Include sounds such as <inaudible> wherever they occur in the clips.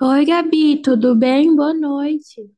Oi, Gabi, tudo bem? Boa noite.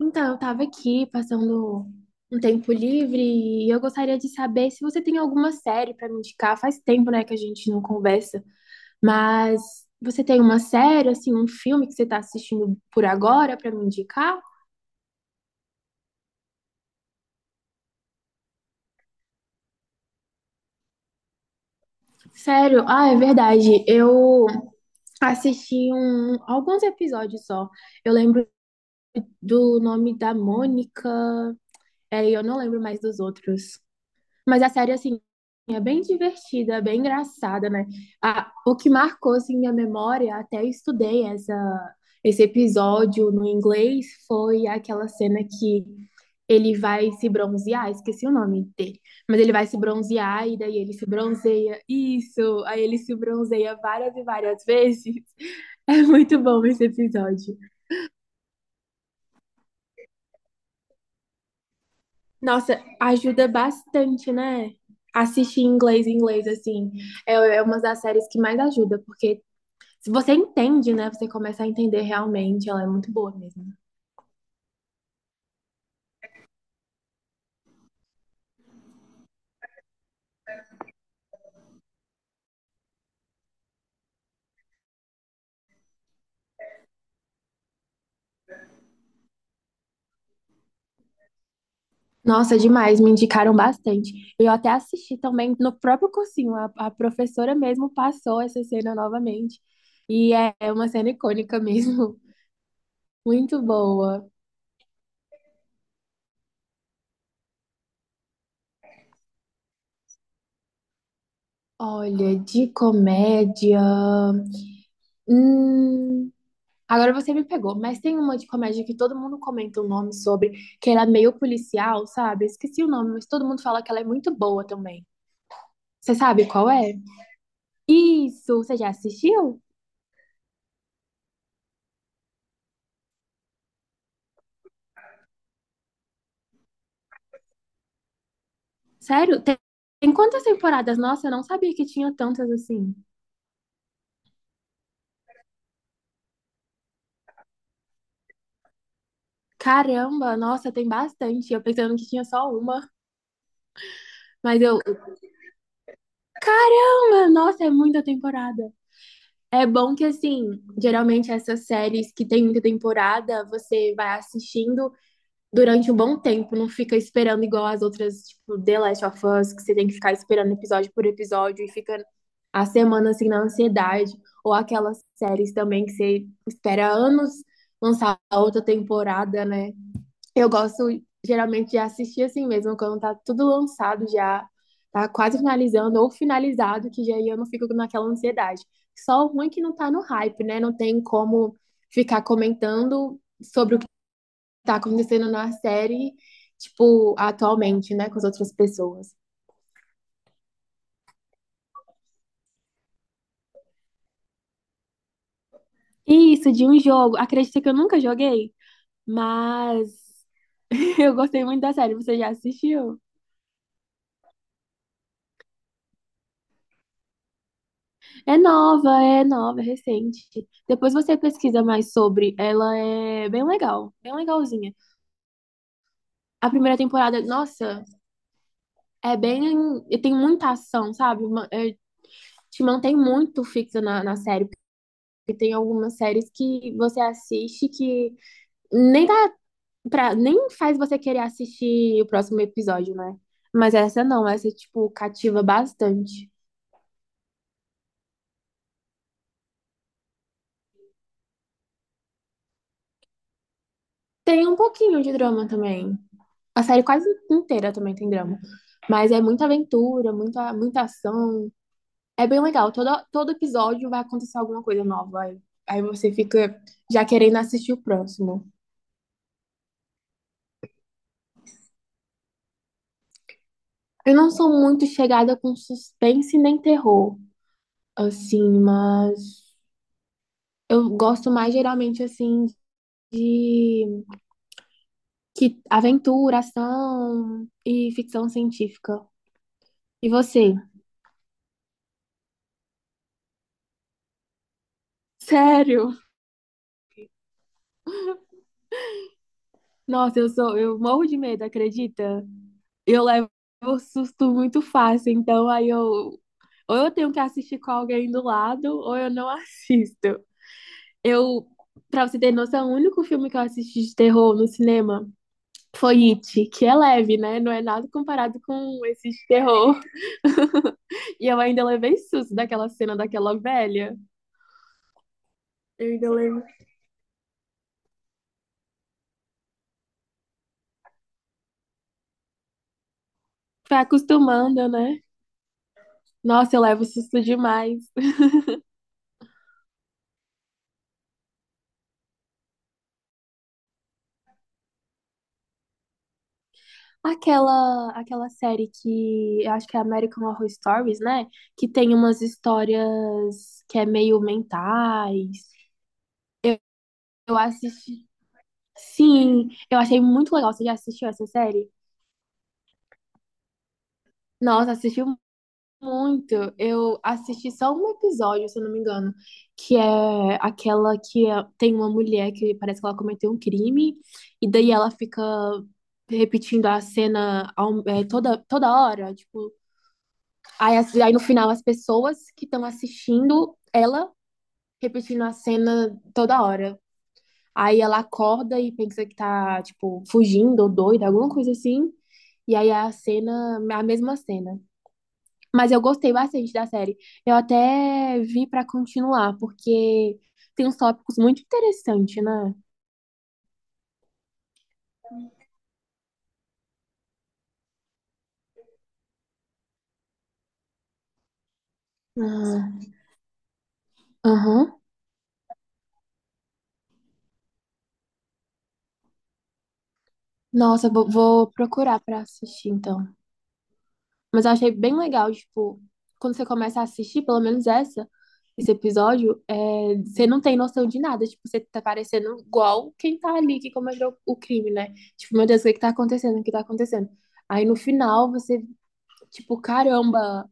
Então, eu estava aqui passando um tempo livre e eu gostaria de saber se você tem alguma série para me indicar. Faz tempo, né, que a gente não conversa, mas você tem uma série, assim, um filme que você está assistindo por agora para me indicar? Sério? Ah, é verdade. Eu assisti alguns episódios só. Eu lembro do nome da Mônica, é, e eu não lembro mais dos outros. Mas a série, assim, é bem divertida, bem engraçada, né? Ah, o que marcou, assim, minha memória, até estudei esse episódio no inglês, foi aquela cena que ele vai se bronzear, esqueci o nome dele, mas ele vai se bronzear e daí ele se bronzeia, isso, aí ele se bronzeia várias e várias vezes. <laughs> É muito bom esse episódio. Nossa, ajuda bastante, né? Assistir em inglês, assim, é uma das séries que mais ajuda, porque se você entende, né, você começa a entender realmente, ela é muito boa mesmo. Nossa, demais, me indicaram bastante. Eu até assisti também no próprio cursinho, a professora mesmo passou essa cena novamente, é, é uma cena icônica mesmo, <laughs> muito boa. Olha, de comédia. Hum... Agora você me pegou, mas tem uma de comédia que todo mundo comenta o nome sobre, que era meio policial, sabe? Esqueci o nome, mas todo mundo fala que ela é muito boa também. Você sabe qual é? Isso, você já assistiu? Sério? Tem quantas temporadas? Nossa, eu não sabia que tinha tantas assim. Caramba, nossa, tem bastante. Eu pensando que tinha só uma, mas caramba, nossa, é muita temporada. É bom que assim, geralmente essas séries que tem muita temporada, você vai assistindo durante um bom tempo, não fica esperando igual as outras, tipo, The Last of Us, que você tem que ficar esperando episódio por episódio e fica a semana assim na ansiedade, ou aquelas séries também que você espera anos lançar a outra temporada, né? Eu gosto geralmente de assistir assim mesmo, quando tá tudo lançado já, tá quase finalizando ou finalizado, que já aí eu não fico naquela ansiedade. Só o ruim é que não tá no hype, né? Não tem como ficar comentando sobre tá acontecendo na série, tipo, atualmente, né, com as outras pessoas. Isso, de um jogo. Acredita que eu nunca joguei, mas <laughs> eu gostei muito da série. Você já assistiu? É nova, é recente. Depois você pesquisa mais sobre. Ela é bem legal, bem legalzinha. A primeira temporada, nossa, é bem. Tem muita ação, sabe? Ma- é, te mantém muito fixa na série. Porque tem algumas séries que você assiste que nem tá pra, nem faz você querer assistir o próximo episódio, né? Mas essa não, essa, tipo, cativa bastante. Tem um pouquinho de drama também. A série quase inteira também tem drama. Mas é muita aventura, muita ação. É bem legal. Todo episódio vai acontecer alguma coisa nova. Aí você fica já querendo assistir o próximo. Eu não sou muito chegada com suspense nem terror, assim, mas eu gosto mais geralmente, assim, de que aventura, ação e ficção científica. E você? Sério? Nossa, eu morro de medo, acredita? Eu levo susto muito fácil, então aí eu ou eu tenho que assistir com alguém do lado ou eu não <laughs> assisto. Eu, pra você ter noção, o único filme que eu assisti de terror no cinema foi It, que é leve, né? Não é nada comparado com esse de terror. <laughs> E eu ainda levei susto daquela cena daquela velha. Eu ainda lembro. Vai acostumando, né? Nossa, eu levo susto demais. Aquela série que eu acho que é American Horror Stories, né? Que tem umas histórias que é meio mentais. Eu, eu assisti. Sim, eu achei muito legal. Você já assistiu essa série? Nossa, assistiu muito. Eu assisti só um episódio, se eu não me engano, que é aquela que é- tem uma mulher que parece que ela cometeu um crime, e daí ela fica repetindo a cena ao- é, toda hora. Tipo, aí, as- aí no final as pessoas que estão assistindo ela repetindo a cena toda hora. Aí ela acorda e pensa que tá, tipo, fugindo ou doida, alguma coisa assim. E aí a cena, a mesma cena. Mas eu gostei bastante da série. Eu até vi pra continuar, porque tem uns tópicos muito interessantes, né? Ah, aham. Nossa, vou procurar pra assistir, então. Mas eu achei bem legal, tipo, quando você começa a assistir, pelo menos esse episódio, é, você não tem noção de nada. Tipo, você tá parecendo igual quem tá ali que cometeu o crime, né? Tipo, meu Deus, o que que tá acontecendo? O que tá acontecendo? Aí no final você, tipo, caramba.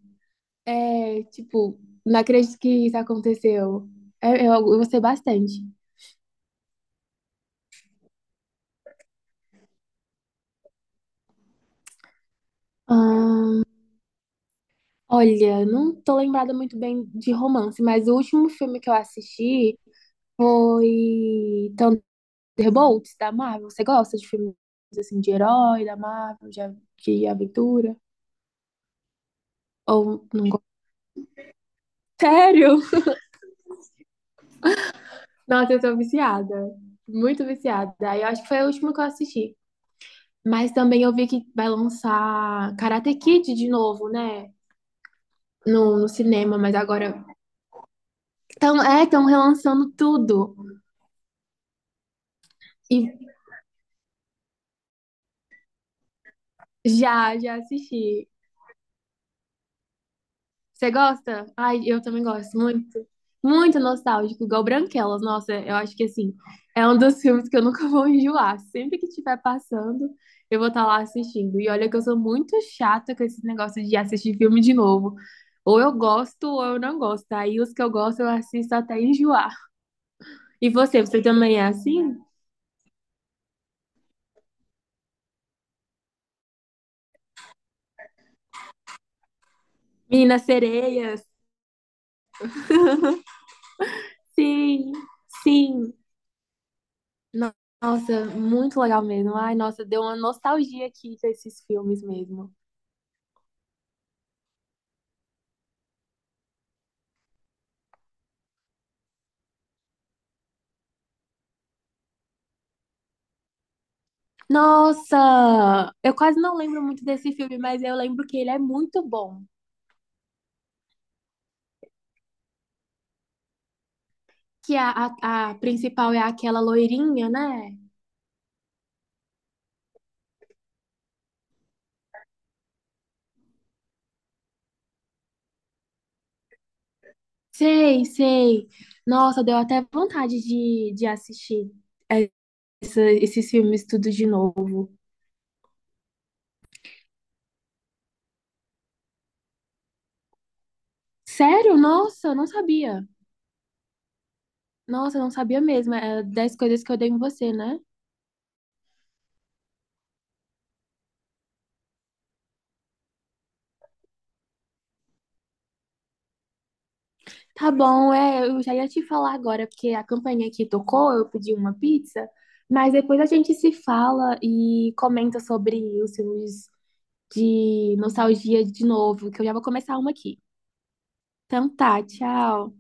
É, tipo, não acredito que isso aconteceu. É, eu gostei bastante. Ah, olha, não tô lembrada muito bem de romance, mas o último filme que eu assisti foi Thunderbolts, da Marvel. Você gosta de filmes assim de herói, da Marvel, a- de aventura? Ou não gosta? <laughs> Sério? Nossa, eu tô viciada. Muito viciada. Aí eu acho que foi o último que eu assisti. Mas também eu vi que vai lançar Karate Kid de novo, né? No cinema, mas agora estão é, tão relançando tudo. E já assisti. Você gosta? Ai, eu também gosto muito. Muito nostálgico, igual Branquelas. Nossa, eu acho que assim, é um dos filmes que eu nunca <laughs> vou enjoar. Sempre que estiver passando, eu vou estar lá assistindo. E olha que eu sou muito chata com esses negócios de assistir filme de novo. Ou eu gosto ou eu não gosto. Aí os que eu gosto eu assisto até enjoar. E você também é assim? Minas Sereias, sim, sim. No- Nossa, muito legal mesmo. Ai, nossa, deu uma nostalgia aqui desses filmes mesmo. Nossa, eu quase não lembro muito desse filme, mas eu lembro que ele é muito bom. Que é a principal é aquela loirinha, né? Sei, sei. Nossa, deu até vontade de assistir essa- esses filmes tudo de novo. Sério? Nossa, eu não sabia. Nossa, eu não sabia mesmo. É 10 coisas que eu dei em você, né? Tá bom, é, eu já ia te falar agora, porque a campainha aqui tocou, eu pedi uma pizza, mas depois a gente se fala e comenta sobre os filmes de nostalgia de novo, que eu já vou começar uma aqui. Então tá, tchau.